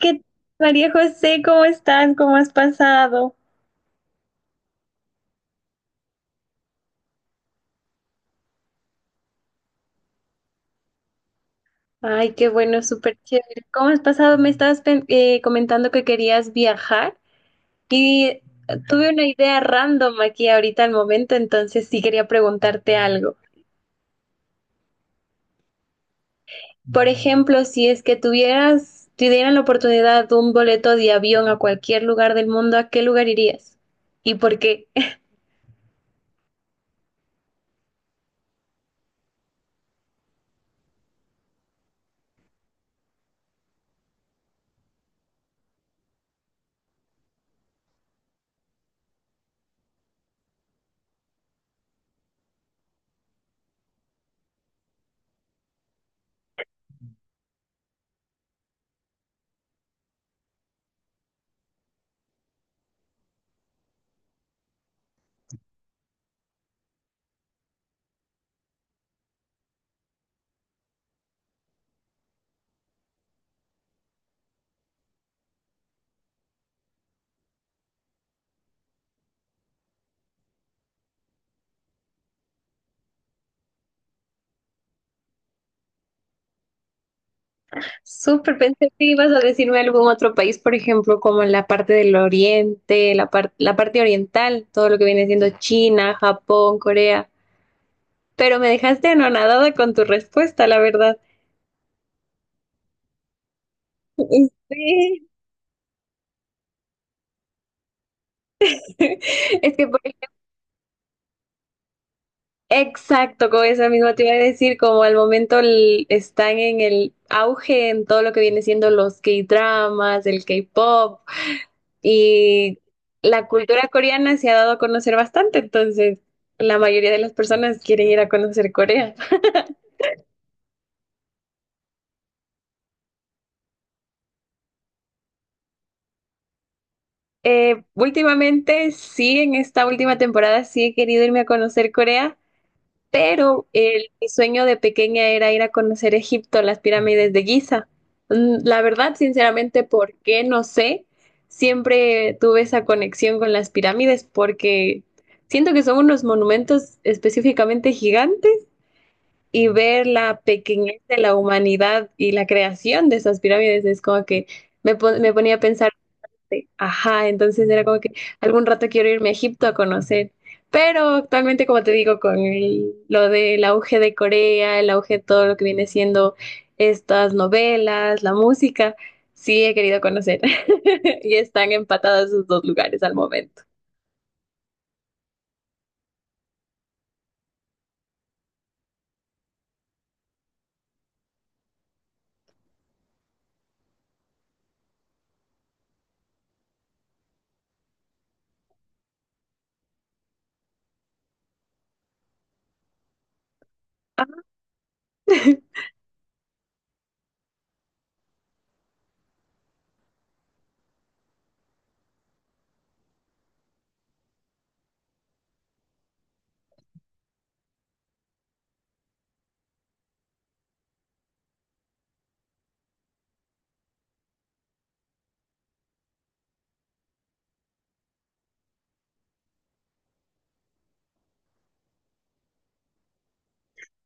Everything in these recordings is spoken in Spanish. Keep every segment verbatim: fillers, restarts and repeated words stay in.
¿Qué María José? ¿Cómo estás? ¿Cómo has pasado? Ay, qué bueno, súper chévere. ¿Cómo has pasado? Me estabas pen- eh, comentando que querías viajar y eh, tuve una idea random aquí ahorita al momento, entonces sí quería preguntarte algo. Por ejemplo, si es que tuvieras, te dieran la oportunidad de un boleto de avión a cualquier lugar del mundo, ¿a qué lugar irías? ¿Y por qué? Súper, pensé que ibas a decirme algún otro país, por ejemplo, como en la parte del oriente, la par- la parte oriental, todo lo que viene siendo China, Japón, Corea, pero me dejaste anonadada con tu respuesta, la verdad. Y sí. es que por- exacto, con esa misma te iba a decir, como al momento el- están en el auge en todo lo que viene siendo los K-dramas, el K-pop, y la cultura coreana se ha dado a conocer bastante, entonces la mayoría de las personas quieren ir a conocer Corea. Eh, últimamente, sí, en esta última temporada sí he querido irme a conocer Corea, pero el, mi sueño de pequeña era ir a conocer Egipto, las pirámides de Giza. Mm, La verdad, sinceramente, ¿por qué? No sé. Siempre tuve esa conexión con las pirámides porque siento que son unos monumentos específicamente gigantes y ver la pequeñez de la humanidad y la creación de esas pirámides es como que me, pon- me ponía a pensar, de, ajá, entonces era como que algún rato quiero irme a Egipto a conocer. Pero actualmente, como te digo, con el- lo del auge de Corea, el auge de todo lo que viene siendo estas novelas, la música, sí he querido conocer. Y están empatadas esos dos lugares al momento.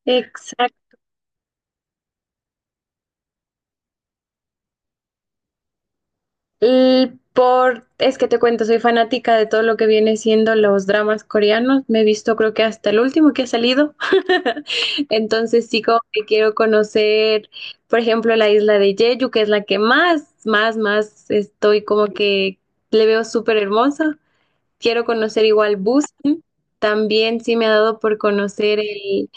Exacto. L- Por, es que te cuento, soy fanática de todo lo que viene siendo los dramas coreanos. Me he visto creo que hasta el último que ha salido. Entonces sí como que quiero conocer, por ejemplo, la isla de Jeju, que es la que más, más, más estoy como que le veo súper hermosa. Quiero conocer igual Busan. También sí me ha dado por conocer el,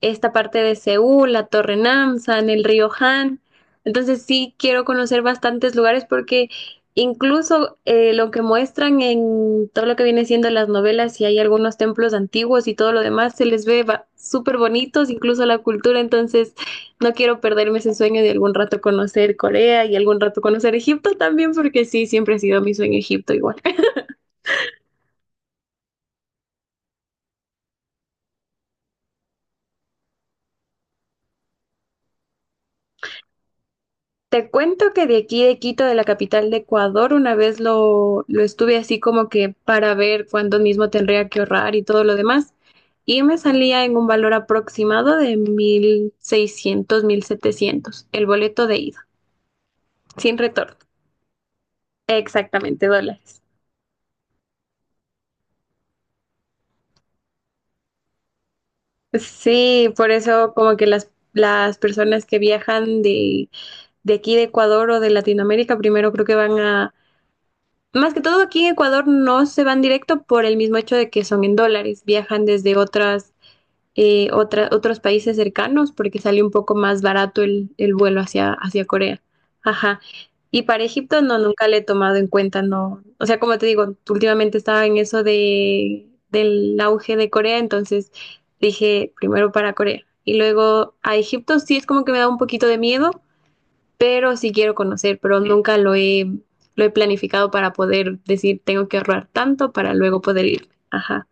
esta parte de Seúl, la Torre Namsan, el río Han. Entonces sí quiero conocer bastantes lugares porque incluso eh, lo que muestran en todo lo que viene siendo las novelas, y hay algunos templos antiguos y todo lo demás, se les ve ba- súper bonitos, incluso la cultura. Entonces no quiero perderme ese sueño de algún rato conocer Corea y algún rato conocer Egipto también, porque sí, siempre ha sido mi sueño Egipto igual. Te cuento que de aquí de Quito, de la capital de Ecuador, una vez lo, lo estuve así como que para ver cuánto mismo tendría que ahorrar y todo lo demás. Y me salía en un valor aproximado de mil seiscientos mil setecientos el boleto de ida, sin retorno. Exactamente, dólares. Sí, por eso como que las, las personas que viajan de, de aquí de Ecuador o de Latinoamérica, primero creo que van a más que todo aquí en Ecuador no se van directo por el mismo hecho de que son en dólares, viajan desde otras, eh, otra- otros países cercanos porque sale un poco más barato el, el vuelo hacia, hacia Corea. Ajá. Y para Egipto no, nunca le he tomado en cuenta, no. O sea, como te digo, últimamente estaba en eso de, del auge de Corea, entonces dije primero para Corea. Y luego a Egipto sí es como que me da un poquito de miedo, pero sí quiero conocer, pero nunca lo he, lo he planificado para poder decir tengo que ahorrar tanto para luego poder ir. Ajá.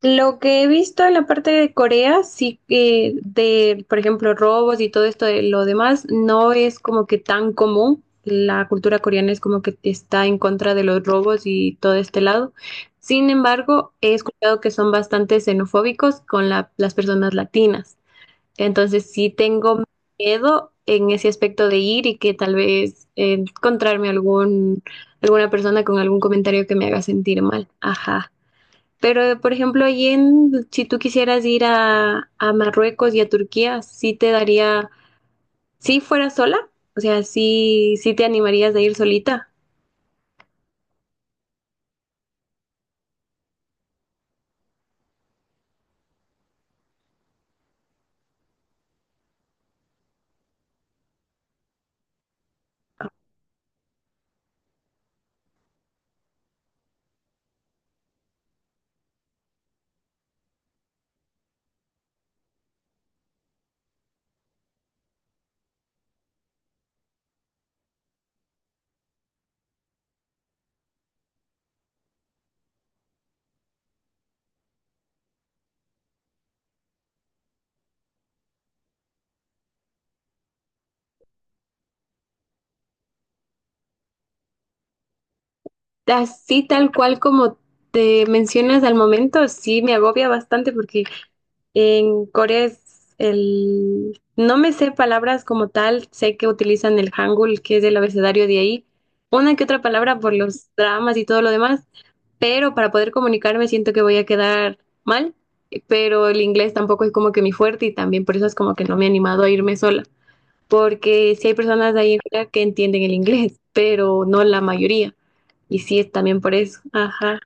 Lo que he visto en la parte de Corea, sí que de, por ejemplo, robos y todo esto de lo demás, no es como que tan común. La cultura coreana es como que está en contra de los robos y todo este lado. Sin embargo, he escuchado que son bastante xenofóbicos con la- las personas latinas. Entonces sí tengo miedo en ese aspecto de ir y que tal vez eh, encontrarme algún, alguna persona con algún comentario que me haga sentir mal. Ajá. Pero, por ejemplo, allí en, si tú quisieras ir a, a Marruecos y a Turquía, sí te daría, si fuera sola, o sea, sí, sí te animarías a ir solita. Así tal cual como te mencionas al momento, sí me agobia bastante porque en Corea es el... No me sé palabras como tal, sé que utilizan el Hangul, que es el abecedario de ahí, una que otra palabra por los dramas y todo lo demás, pero para poder comunicarme siento que voy a quedar mal, pero el inglés tampoco es como que mi fuerte y también por eso es como que no me he animado a irme sola, porque sí hay personas de ahí en Corea que entienden el inglés, pero no la mayoría, y sí es también por eso, ajá.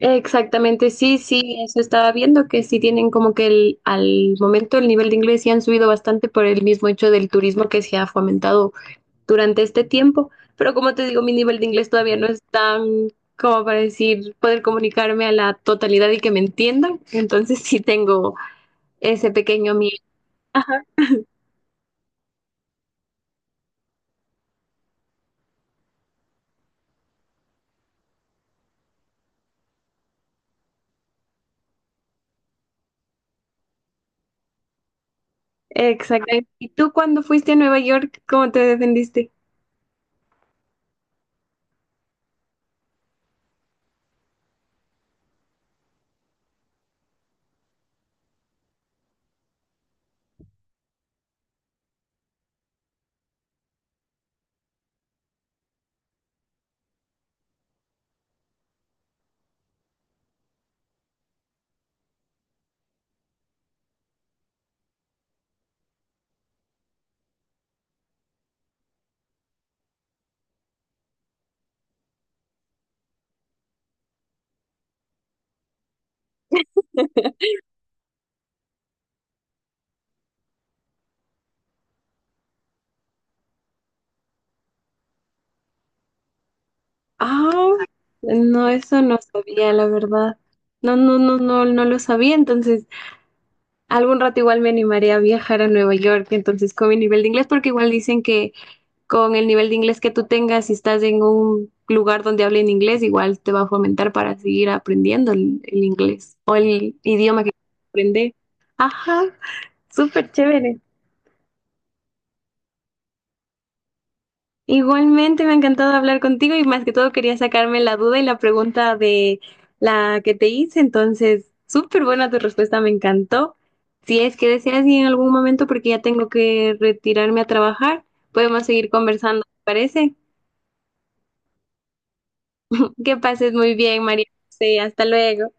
Exactamente, sí, sí, eso estaba viendo que sí tienen como que el, al momento el nivel de inglés sí han subido bastante por el mismo hecho del turismo que se ha fomentado durante este tiempo, pero como te digo, mi nivel de inglés todavía no es tan como para decir poder comunicarme a la totalidad y que me entiendan, entonces sí tengo ese pequeño miedo. Exactamente. ¿Y tú cuando fuiste a Nueva York, cómo te defendiste? Ah, no, eso no sabía, la verdad. No, no, no, no, no lo sabía, entonces. Algún rato igual me animaré a viajar a Nueva York, entonces con mi nivel de inglés, porque igual dicen que con el nivel de inglés que tú tengas, si estás en un lugar donde hablen inglés, igual te va a fomentar para seguir aprendiendo el, el inglés o el idioma que quieras aprender. Ajá, súper chévere. Igualmente, me ha encantado hablar contigo y más que todo quería sacarme la duda y la pregunta de la que te hice. Entonces, súper buena tu respuesta, me encantó. Si es que deseas y en algún momento, porque ya tengo que retirarme a trabajar, podemos seguir conversando, ¿te parece? Que pases muy bien, María José. Hasta luego.